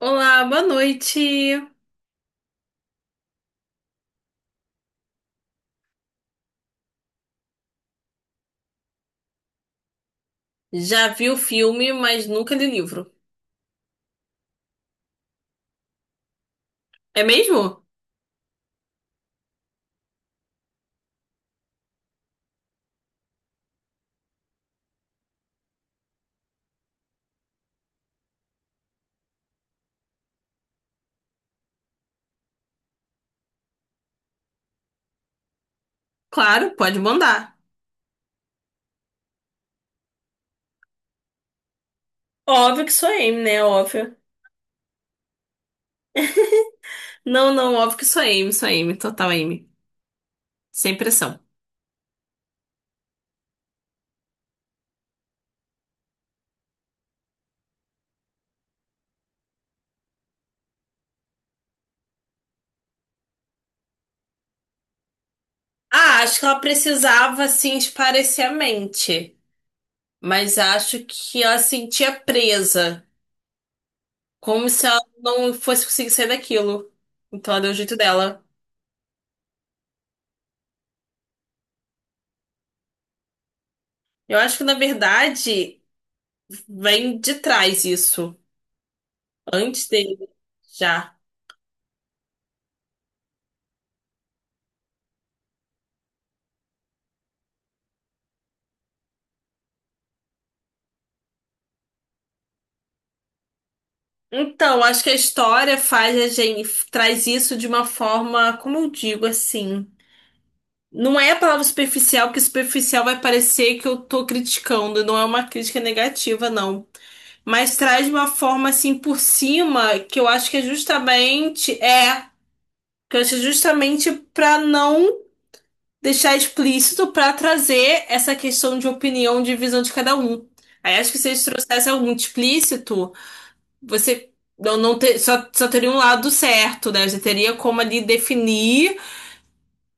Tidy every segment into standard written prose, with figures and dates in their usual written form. Olá, boa noite. Já vi o filme, mas nunca li o livro. É mesmo? Claro, pode mandar. Óbvio que sou Amy, né? Óbvio. Não, não, óbvio que sou Amy, total Amy. Sem pressão. Ah, acho que ela precisava, assim, esparecer a mente. Mas acho que ela se sentia presa. Como se ela não fosse conseguir sair daquilo. Então ela deu o jeito dela. Eu acho que, na verdade, vem de trás isso. Antes dele, já. Então, acho que a história faz a gente traz isso de uma forma, como eu digo, assim. Não é a palavra superficial, porque superficial vai parecer que eu tô criticando, não é uma crítica negativa, não. Mas traz de uma forma assim por cima, que eu acho que é justamente que eu acho que é justamente pra não deixar explícito, pra trazer essa questão de opinião, de visão de cada um. Aí acho que se eles trouxessem algum explícito você não ter, só teria um lado certo, né? Você teria como ali definir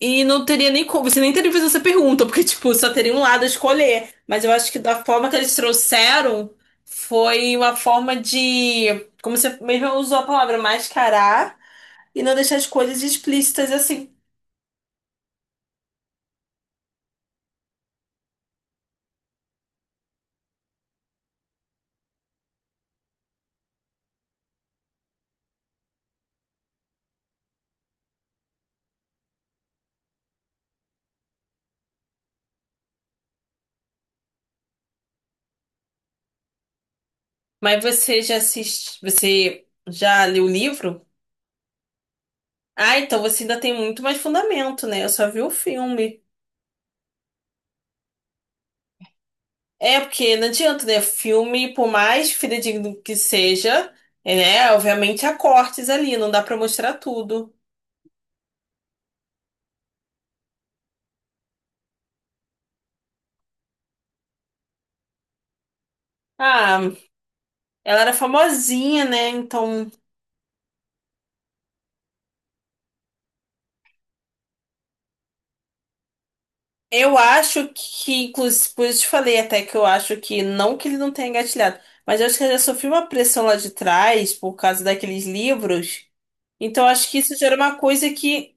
e não teria nem como. Você nem teria que fazer essa pergunta, porque, tipo, só teria um lado a escolher. Mas eu acho que da forma que eles trouxeram foi uma forma de, como você mesmo usou a palavra, mascarar e não deixar as coisas explícitas assim. Mas você já assiste, você já leu o livro? Ah, então você ainda tem muito mais fundamento, né? Eu só vi o filme. É, porque não adianta, né? Filme, por mais fidedigno que seja, é, né? Obviamente há cortes ali, não dá pra mostrar tudo. Ah, ela era famosinha, né? Então, eu acho que, inclusive, por isso te falei até que eu acho que, não que ele não tenha engatilhado, mas eu acho que ela já sofreu uma pressão lá de trás por causa daqueles livros. Então, eu acho que isso já era uma coisa que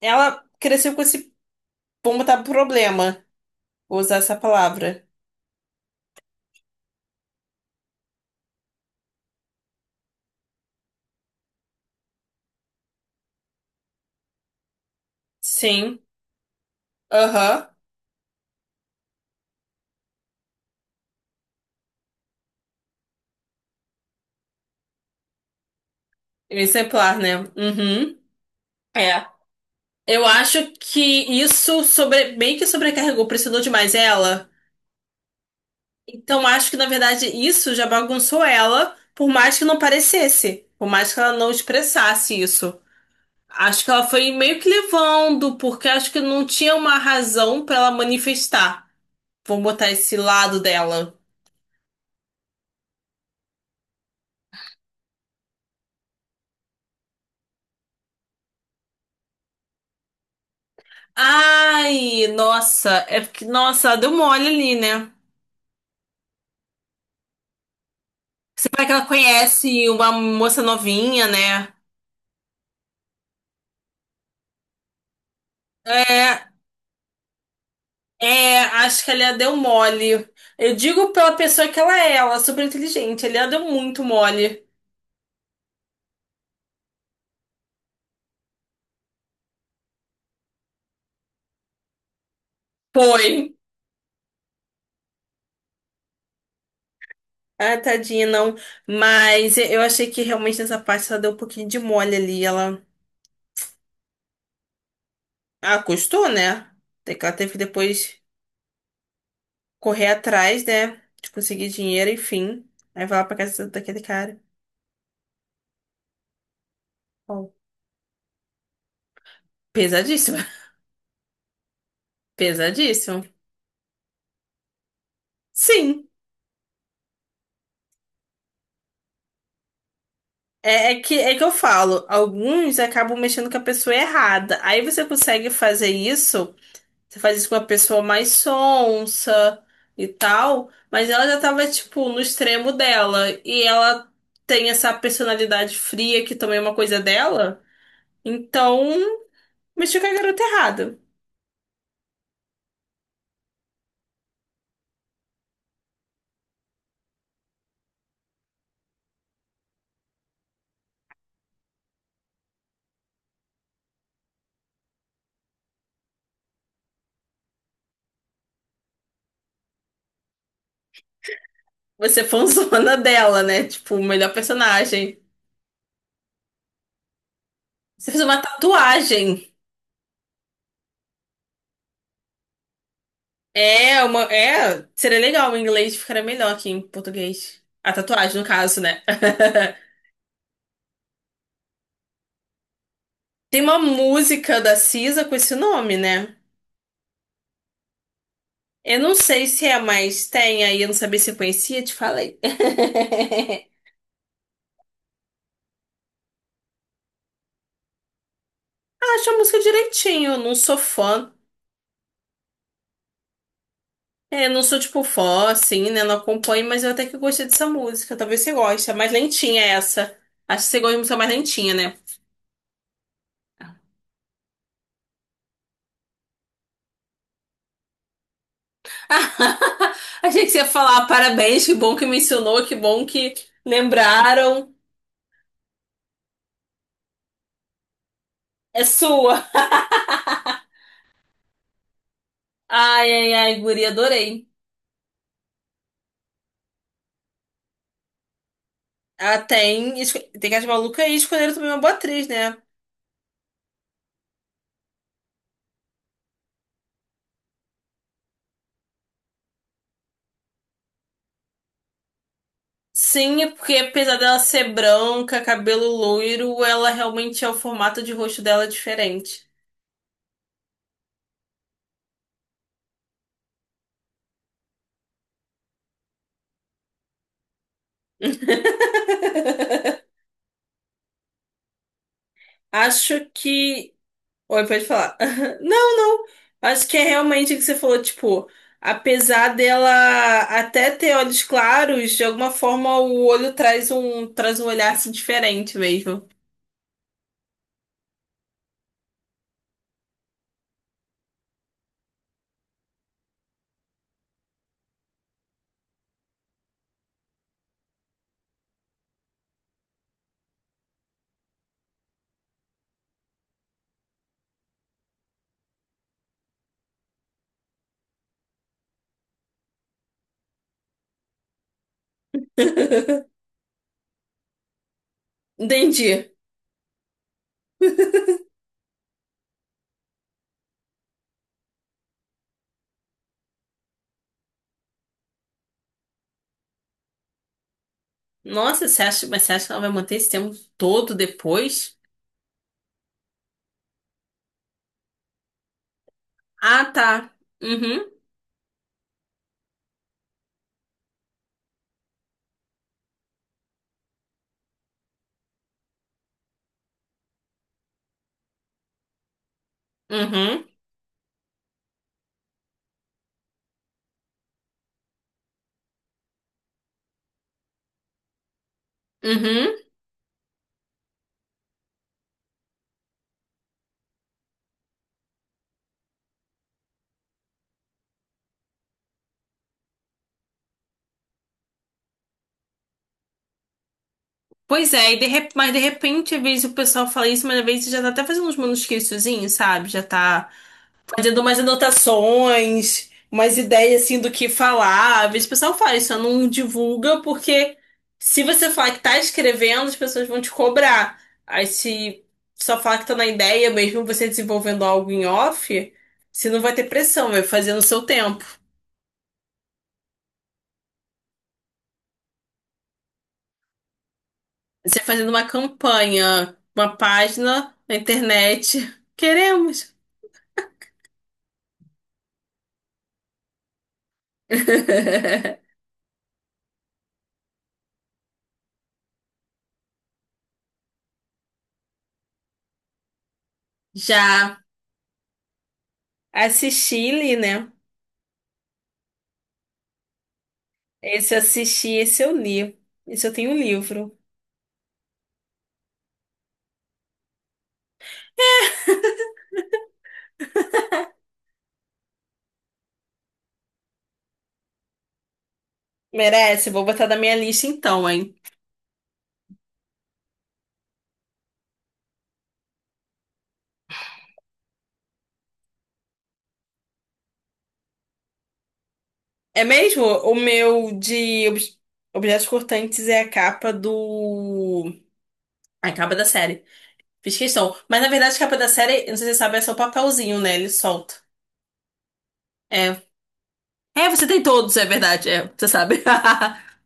ela cresceu com esse, vamos botar, problema, vou usar essa palavra. Sim, aham. Exemplar, né? Uhum. É. Eu acho que isso sobre... bem que sobrecarregou, pressionou demais ela. Então acho que, na verdade, isso já bagunçou ela, por mais que não parecesse, por mais que ela não expressasse isso. Acho que ela foi meio que levando, porque acho que não tinha uma razão pra ela manifestar. Vamos botar esse lado dela. Ai, nossa, é porque, nossa, ela deu mole ali, né? Você vai que ela conhece uma moça novinha, né? É, é, acho que a Lia deu mole. Eu digo pela pessoa que ela é super inteligente. A Lia deu muito mole. Foi. Ah, tadinha, não. Mas eu achei que realmente nessa parte ela deu um pouquinho de mole ali. Ela. Ah, custou, né? Tem que ela teve que depois correr atrás, né? De conseguir dinheiro, enfim. Aí vai lá pra casa daquele cara. Bom, pesadíssimo. Pesadíssimo. Sim. É, é que eu falo, alguns acabam mexendo com a pessoa errada. Aí você consegue fazer isso. Você faz isso com uma pessoa mais sonsa e tal, mas ela já tava, tipo, no extremo dela. E ela tem essa personalidade fria que também é uma coisa dela. Então, mexeu com a garota errada. Você é fãzona dela, né? Tipo, o melhor personagem. Você fez uma tatuagem. É, uma. É, seria legal em inglês, ficaria melhor que em português. A tatuagem, no caso, né? Tem uma música da Cisa com esse nome, né? Eu não sei se é, mas tem aí, eu não sabia se eu conhecia, te falei. Ah, acho a música direitinho, eu não sou fã. É, eu não sou tipo fã, assim, né? Não acompanho, mas eu até que gostei dessa música. Talvez você goste. É mais lentinha essa. Acho que você gosta de música mais lentinha, né? Achei que você ia falar parabéns, que bom que mencionou, que bom que lembraram. É sua. Ai, ai, ai, guria, adorei. Ah, tem, esco- tem as malucas aí, escolheram também uma boa atriz, né? Sim, é porque apesar dela ser branca, cabelo loiro, ela realmente é o formato de rosto dela é diferente. Acho que. Oi, pode falar. Não, não. Acho que é realmente o que você falou, tipo, apesar dela até ter olhos claros, de alguma forma o olho traz um olhar assim, diferente mesmo. Entendi. Nossa, você acha, mas você acha que ela vai manter esse tempo todo depois? Ah, tá. Uhum. Uhum. Uhum. Pois é, e de rep- mas de repente, às vezes o pessoal fala isso, mas às vezes já tá até fazendo uns manuscritozinhos, sabe? Já tá fazendo umas anotações, umas ideias assim do que falar. Às vezes o pessoal fala isso, só não divulga, porque se você falar que tá escrevendo, as pessoas vão te cobrar. Aí se só falar que tá na ideia, mesmo você desenvolvendo algo em off, você não vai ter pressão, vai fazer no seu tempo. Você fazendo uma campanha, uma página na internet. Queremos. Já assisti e li, né? Esse eu assisti, esse eu li. Esse eu tenho um livro. Merece, vou botar da minha lista então, hein? É mesmo? O meu de obj- Objetos Cortantes é a capa do. A capa da série. Fiz questão. Mas na verdade, a capa da série, não sei se você sabe, é só o papelzinho, né? Ele solta. É. É, você tem todos, é verdade. É, você sabe.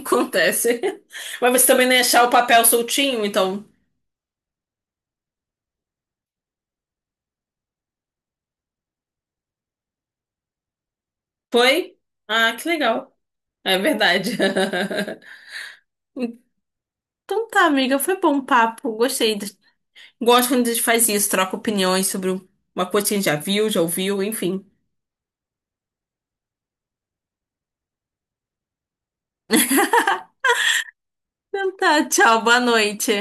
Acontece. Mas você também não ia achar o papel soltinho, então. Foi? Ah, que legal. É verdade. Então tá, amiga, foi bom o papo. Gostei. Gosto quando a gente faz isso, troca opiniões sobre uma coisa que a gente já viu, já ouviu, enfim. Então tá, tchau, boa noite.